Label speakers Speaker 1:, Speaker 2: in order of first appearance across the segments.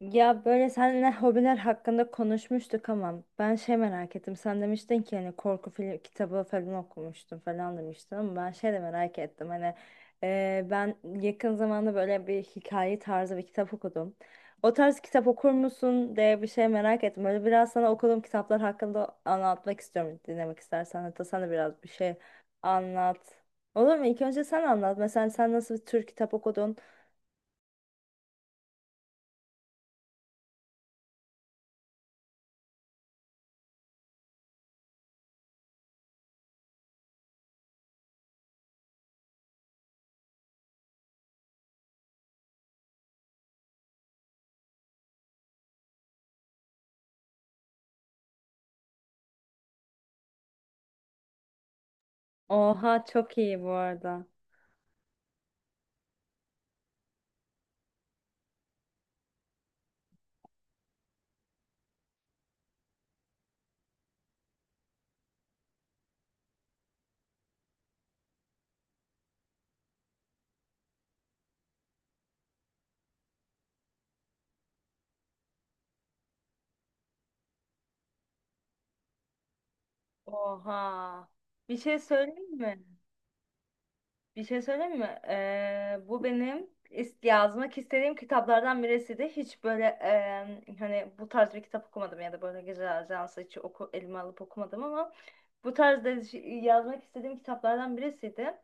Speaker 1: Ya böyle seninle hobiler hakkında konuşmuştuk ama ben şey merak ettim. Sen demiştin ki hani korku film kitabı falan okumuştum falan demiştin ama ben şey de merak ettim. Hani ben yakın zamanda böyle bir hikaye tarzı bir kitap okudum. O tarz kitap okur musun diye bir şey merak ettim. Böyle biraz sana okuduğum kitaplar hakkında anlatmak istiyorum dinlemek istersen. Hatta sen de biraz bir şey anlat. Olur mu? İlk önce sen anlat. Mesela sen nasıl bir tür kitap okudun? Oha, çok iyi bu arada. Oha. Bir şey söyleyeyim mi? Bir şey söyleyeyim mi? Bu benim yazmak istediğim kitaplardan birisiydi. Hiç böyle hani bu tarz bir kitap okumadım ya da böyle gece ajansı hiç elime alıp okumadım ama bu tarz yazmak istediğim kitaplardan birisiydi.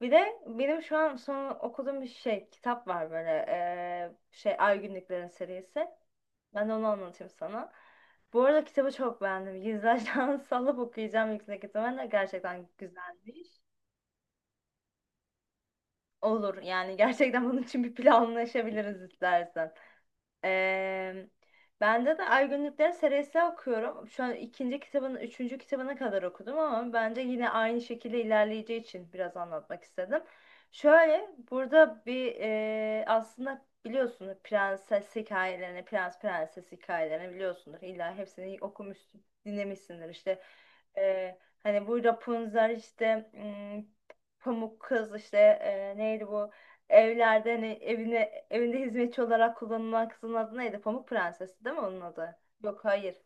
Speaker 1: Bir de benim şu an son okuduğum bir şey kitap var böyle şey Ay Günlüklerin serisi. Ben de onu anlatayım sana. Bu arada kitabı çok beğendim. Gizlerden sallıp okuyacağım yüksek ihtimalle. Gerçekten güzelmiş. Olur yani, gerçekten bunun için bir planlaşabiliriz istersen. Eee Bende de Ay Günlükleri serisi okuyorum. Şu an ikinci kitabının, üçüncü kitabına kadar okudum ama bence yine aynı şekilde ilerleyeceği için biraz anlatmak istedim. Şöyle burada bir aslında biliyorsunuz prenses hikayelerini, prens prenses hikayelerini biliyorsunuz. İlla hepsini okumuşsun, dinlemişsindir işte. Hani bu Rapunzel işte, Pamuk Kız işte, neydi bu? Evlerde hani evinde hizmetçi olarak kullanılan kızın adı neydi? Pamuk Prensesi değil mi onun adı? Yok, hayır.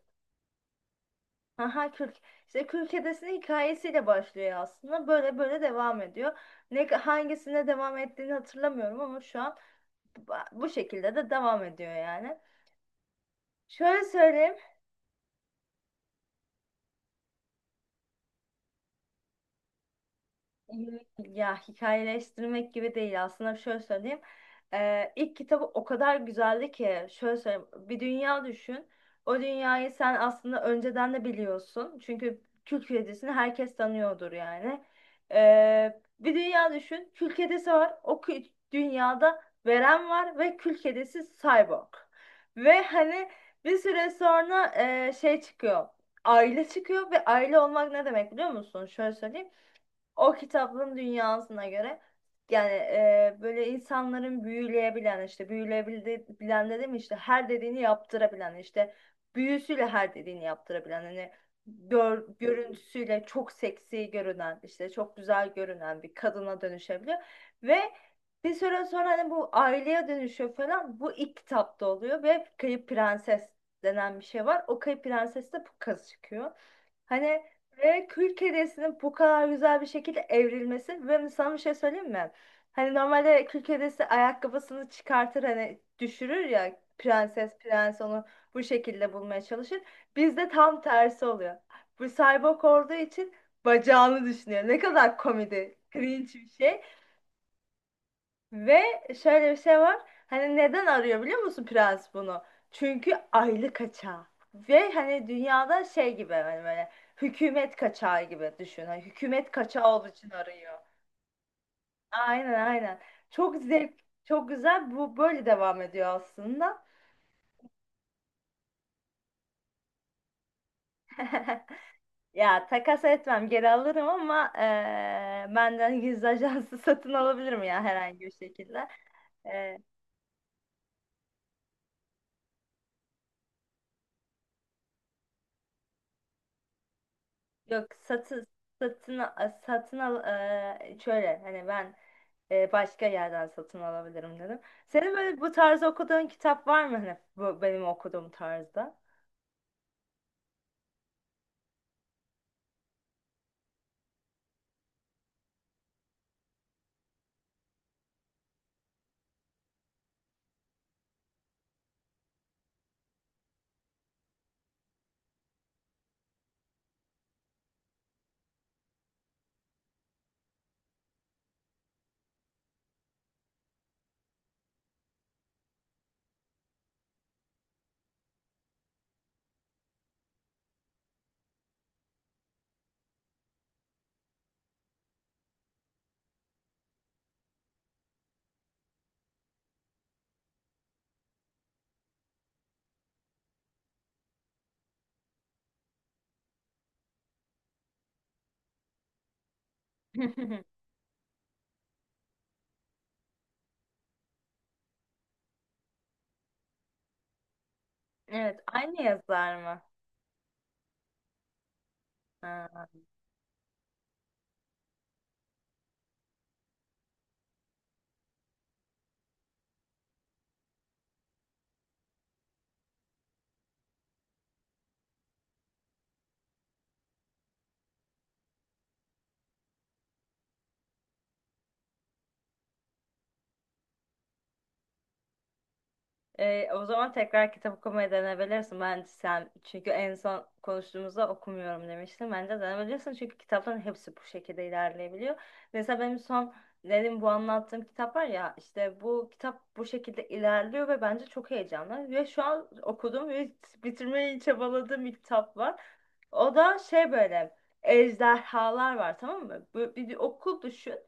Speaker 1: Haha, Kürk. İşte Kürk Kedisi'nin hikayesiyle başlıyor aslında. Böyle böyle devam ediyor. Ne hangisine devam ettiğini hatırlamıyorum ama şu an bu şekilde de devam ediyor yani. Şöyle söyleyeyim. Ya hikayeleştirmek gibi değil aslında, şöyle söyleyeyim. İlk kitabı o kadar güzeldi ki şöyle söyleyeyim. Bir dünya düşün. O dünyayı sen aslında önceden de biliyorsun. Çünkü kül kedisini herkes tanıyordur yani. Bir dünya düşün. Kül kedisi var. O kül dünyada Veren var ve kül kedisi Cyborg. Ve hani bir süre sonra şey çıkıyor. Aile çıkıyor ve aile olmak ne demek biliyor musun? Şöyle söyleyeyim, o kitabın dünyasına göre yani, böyle insanların büyüleyebilen işte, büyüleyebilen dedim, işte her dediğini yaptırabilen, işte büyüsüyle her dediğini yaptırabilen, hani görüntüsüyle çok seksi görünen, işte çok güzel görünen bir kadına dönüşebiliyor ve bir süre sonra hani bu aileye dönüşüyor falan, bu ilk kitapta oluyor ve Kayıp Prenses denen bir şey var, o Kayıp Prenses de bu kız çıkıyor. Hani ve kül kedisinin bu kadar güzel bir şekilde evrilmesi, ve sana bir şey söyleyeyim mi? Hani normalde kül kedisi ayakkabısını çıkartır hani düşürür ya, prenses prens onu bu şekilde bulmaya çalışır. Bizde tam tersi oluyor. Bu cyborg olduğu için bacağını düşünüyor. Ne kadar komedi, cringe bir şey. Ve şöyle bir şey var. Hani neden arıyor biliyor musun prens bunu? Çünkü aylık kaçağı. Ve hani dünyada şey gibi, hani böyle hükümet kaçağı gibi düşün. Hani hükümet kaçağı olduğu için arıyor. Aynen, aynen. Çok zevk, çok güzel. Bu böyle devam ediyor aslında. Ya takas etmem, geri alırım ama benden gizli ajansı satın alabilirim ya herhangi bir şekilde. Yok, satın satın al, şöyle hani ben başka yerden satın alabilirim dedim. Senin böyle bu tarz okuduğun kitap var mı, hani bu benim okuduğum tarzda? Evet, aynı yazar mı? Ha. O zaman tekrar kitap okumaya denebilirsin bence sen. Çünkü en son konuştuğumuzda okumuyorum demiştin. Bence denebilirsin çünkü kitapların hepsi bu şekilde ilerleyebiliyor. Mesela benim son dedim, bu anlattığım kitap var ya, işte bu kitap bu şekilde ilerliyor ve bence çok heyecanlı. Ve şu an okudum ve bitirmeyi çabaladığım bir kitap var. O da şey, böyle ejderhalar var, tamam mı? Bir okul düşün.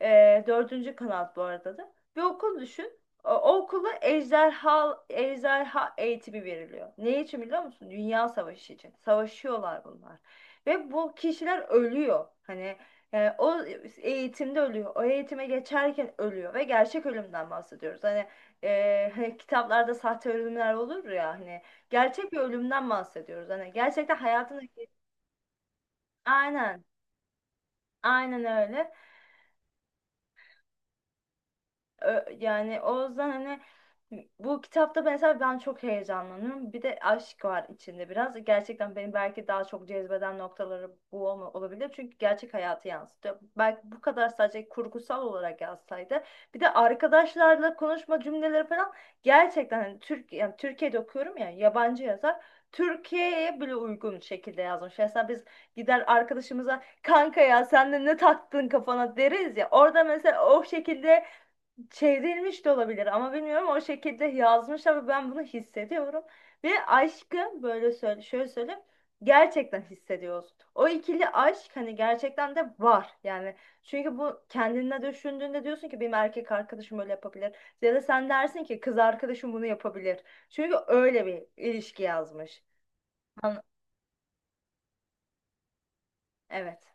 Speaker 1: Dördüncü kanal bu arada da. Bir okul düşün. O okula ejderha eğitimi veriliyor. Ne için biliyor musun? Dünya savaşı için. Savaşıyorlar bunlar. Ve bu kişiler ölüyor. Hani o eğitimde ölüyor. O eğitime geçerken ölüyor. Ve gerçek ölümden bahsediyoruz. Hani kitaplarda sahte ölümler olur ya. Hani gerçek bir ölümden bahsediyoruz. Hani gerçekten hayatını... Aynen. Aynen öyle. Yani o yüzden hani bu kitapta mesela ben çok heyecanlanıyorum. Bir de aşk var içinde biraz. Gerçekten beni belki daha çok cezbeden noktaları bu olabilir. Çünkü gerçek hayatı yansıtıyor. Belki bu kadar sadece kurgusal olarak yazsaydı. Bir de arkadaşlarla konuşma cümleleri falan gerçekten hani Türk, yani Türkiye'de okuyorum ya, yabancı yazar. Türkiye'ye bile uygun şekilde yazmış. Mesela biz gider arkadaşımıza kanka ya sen de ne taktın kafana deriz ya. Orada mesela o şekilde çevrilmiş de olabilir, ama bilmiyorum, o şekilde yazmış ama ben bunu hissediyorum ve aşkı böyle şöyle söyleyeyim, gerçekten hissediyoruz. O ikili aşk hani gerçekten de var yani, çünkü bu kendine düşündüğünde diyorsun ki benim erkek arkadaşım böyle yapabilir ya da sen dersin ki kız arkadaşım bunu yapabilir, çünkü öyle bir ilişki yazmış. An- evet.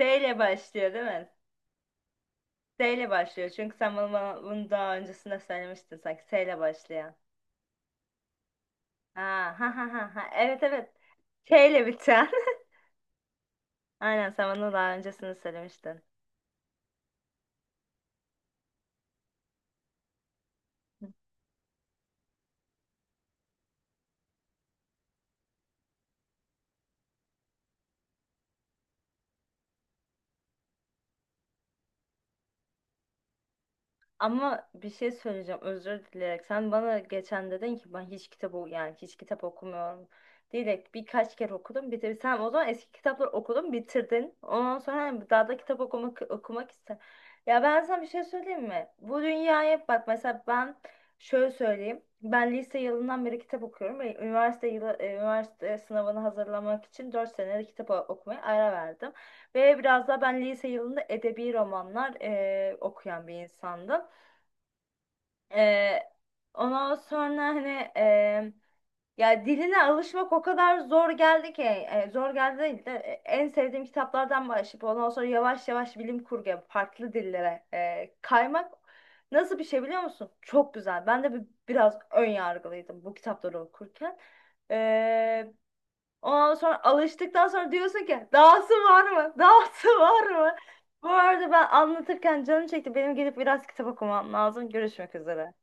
Speaker 1: S ile başlıyor değil mi? S ile başlıyor çünkü sen bana bunu daha öncesinde söylemiştin sanki S ile başlayan. Ha. Evet, evet. Şeyle biten. Aynen, sen bana daha öncesini söylemiştin. Ama bir şey söyleyeceğim özür dileyerek. Sen bana geçen dedin ki ben hiç kitap o, yani hiç kitap okumuyorum. Diyerek birkaç kere okudum bitir. Sen o zaman eski kitapları okudun, bitirdin. Ondan sonra hani daha da kitap okumak ister. Ya ben sana bir şey söyleyeyim mi? Bu dünyaya bak, mesela ben şöyle söyleyeyim. Ben lise yılından beri kitap okuyorum ve üniversite yılı, üniversite sınavını hazırlamak için 4 senelik kitap okumaya ara verdim. Ve biraz da ben lise yılında edebi romanlar okuyan bir insandım. Ee, ondan sonra hani e, ya diline alışmak o kadar zor geldi ki, zor geldi değil de en sevdiğim kitaplardan başlayıp ondan sonra yavaş yavaş bilim kurguya farklı dillere kaymak nasıl bir şey biliyor musun? Çok güzel. Ben de biraz ön yargılıydım bu kitapları okurken. Ee, ondan sonra alıştıktan sonra diyorsun ki dahası var mı? Dahası var mı? Bu arada ben anlatırken canım çekti. Benim gidip biraz kitap okumam lazım. Görüşmek üzere.